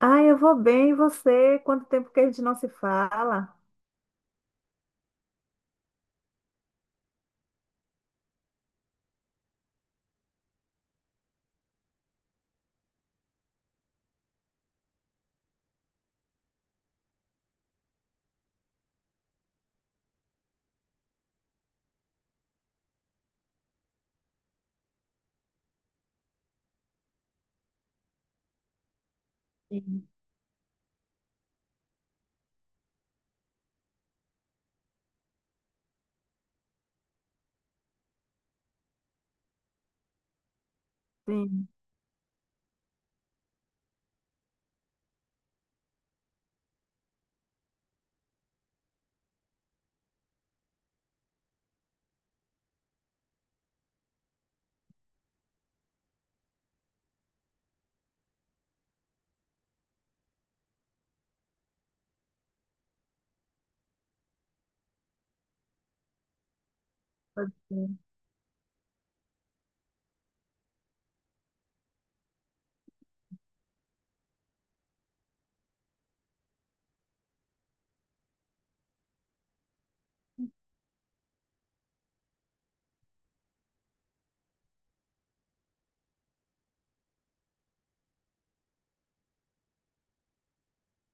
Ah, eu vou bem, e você? Quanto tempo que a gente não se fala? Sim. Sim, pode ser.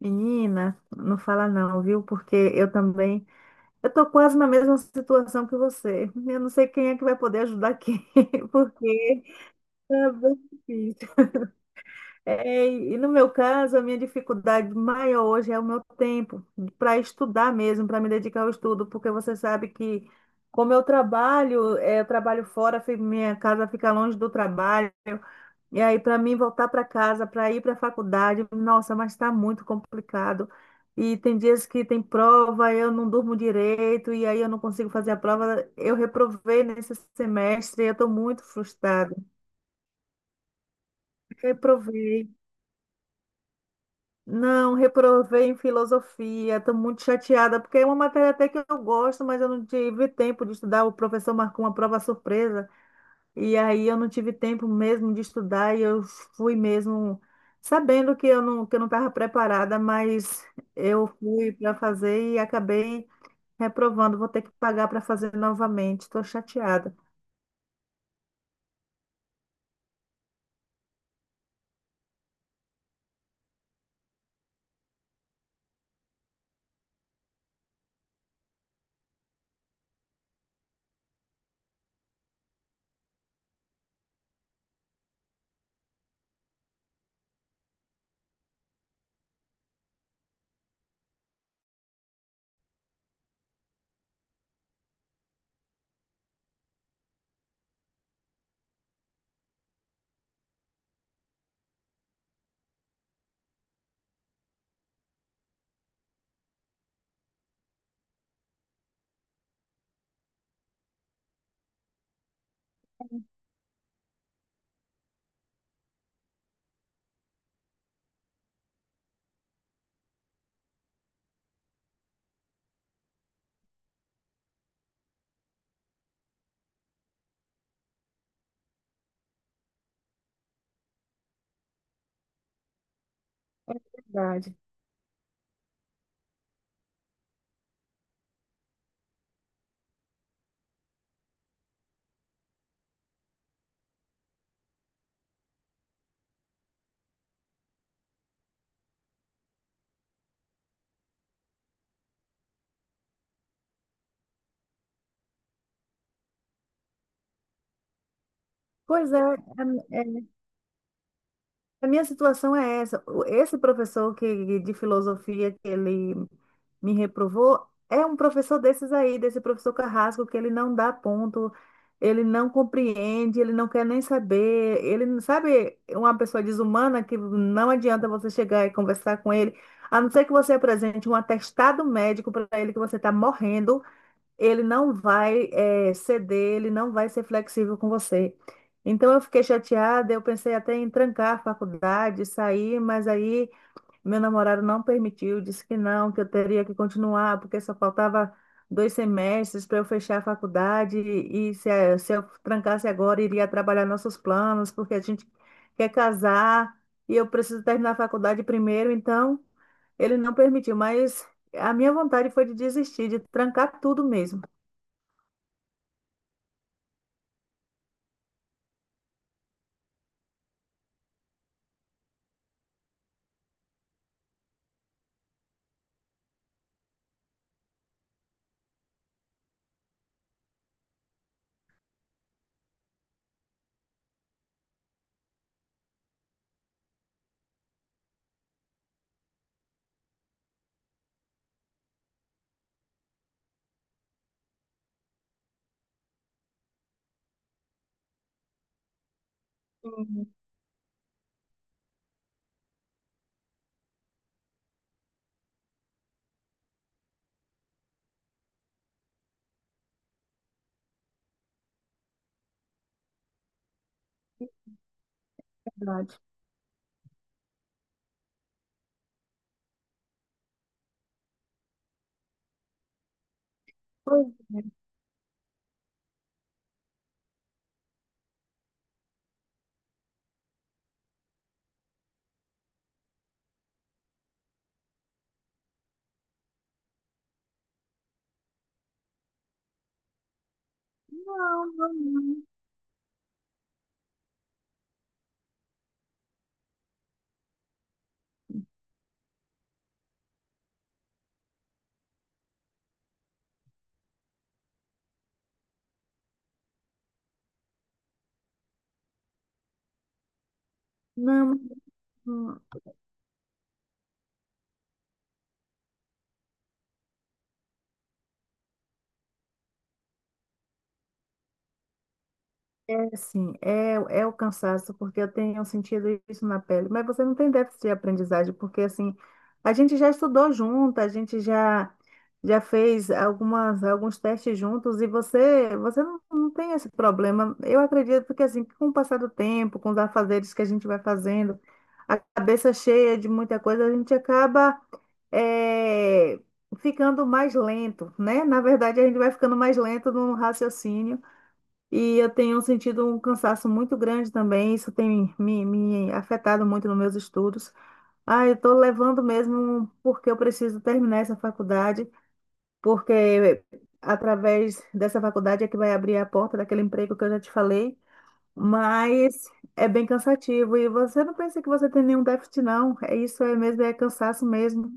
Menina, não fala não, viu? Eu tô quase na mesma situação que você. Eu não sei quem é que vai poder ajudar quem, porque é bem difícil. É, e no meu caso, a minha dificuldade maior hoje é o meu tempo para estudar mesmo, para me dedicar ao estudo, porque você sabe que como eu trabalho, é, eu trabalho fora, minha casa fica longe do trabalho. E aí, para mim, voltar para casa, para ir para a faculdade, nossa, mas está muito complicado. E tem dias que tem prova, eu não durmo direito, e aí eu não consigo fazer a prova. Eu reprovei nesse semestre, eu estou muito frustrada. Reprovei. Não, reprovei em filosofia, estou muito chateada, porque é uma matéria até que eu gosto, mas eu não tive tempo de estudar. O professor marcou uma prova surpresa. E aí eu não tive tempo mesmo de estudar e eu fui mesmo sabendo que eu não estava preparada, mas eu fui para fazer e acabei reprovando. Vou ter que pagar para fazer novamente. Estou chateada. Verdade. Pois é, é, é, a minha situação é essa. Esse professor de filosofia que ele me reprovou é um professor desses aí, desse professor Carrasco, que ele não dá ponto, ele não compreende, ele não quer nem saber. Ele, não- Sabe, uma pessoa desumana que não adianta você chegar e conversar com ele, a não ser que você apresente um atestado médico para ele que você está morrendo, ele não vai ceder, ele não vai ser flexível com você. Então eu fiquei chateada, eu pensei até em trancar a faculdade, sair, mas aí meu namorado não permitiu, disse que não, que eu teria que continuar, porque só faltava dois semestres para eu fechar a faculdade e se eu trancasse agora, iria trabalhar nossos planos, porque a gente quer casar e eu preciso terminar a faculdade primeiro, então ele não permitiu, mas a minha vontade foi de desistir, de trancar tudo mesmo. Uhum. Verdade. Pois é. Não, não, não. Não, não. É assim, é, é o cansaço, porque eu tenho sentido isso na pele. Mas você não tem déficit de aprendizagem, porque assim, a gente já estudou junto, já fez alguns testes juntos, e você não tem esse problema. Eu acredito que assim, com o passar do tempo, com os afazeres que a gente vai fazendo, a cabeça cheia de muita coisa, a gente acaba. É, ficando mais lento, né? Na verdade, a gente vai ficando mais lento no raciocínio e eu tenho sentido um cansaço muito grande também. Isso tem me afetado muito nos meus estudos. Ah, eu estou levando mesmo porque eu preciso terminar essa faculdade, porque através dessa faculdade é que vai abrir a porta daquele emprego que eu já te falei. Mas é bem cansativo e você não pensa que você tem nenhum déficit, não. É isso, é mesmo, é cansaço mesmo.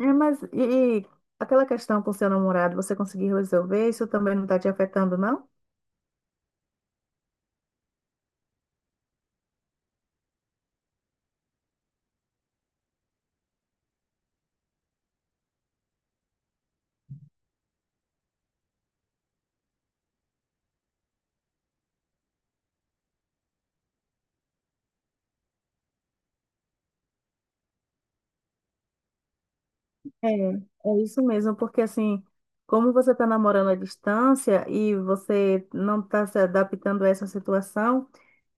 É, mas e aquela questão com seu namorado, você conseguiu resolver? Isso também não está te afetando, não? É, é isso mesmo, porque assim, como você está namorando à distância e você não está se adaptando a essa situação,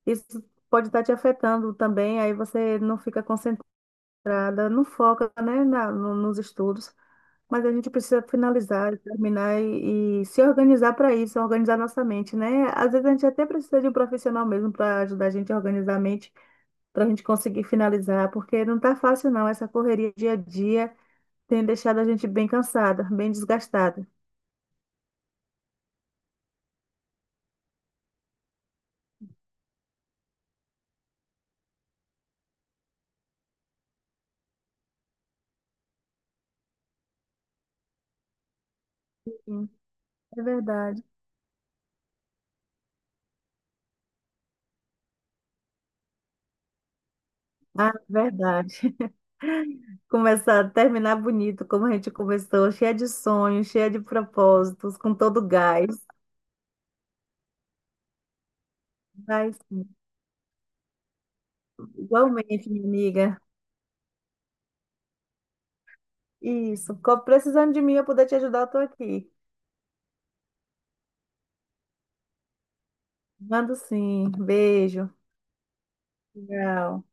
isso pode estar te afetando também, aí você não fica concentrada, não foca, né, na, no- nos estudos. Mas a gente precisa finalizar, terminar e se organizar para isso, organizar nossa mente, né? Às vezes a gente até precisa de um profissional mesmo para ajudar a gente a organizar a mente para a gente conseguir finalizar, porque não está fácil não, essa correria dia a dia tem deixado a gente bem cansada, bem desgastada. Sim, é verdade. Ah, verdade. Começar, terminar bonito, como a gente começou, cheia de sonhos, cheia de propósitos, com todo gás. Mas, igualmente, minha amiga. Isso. Precisando de mim, eu poder te ajudar, eu tô aqui. Mando sim. Beijo. Tchau.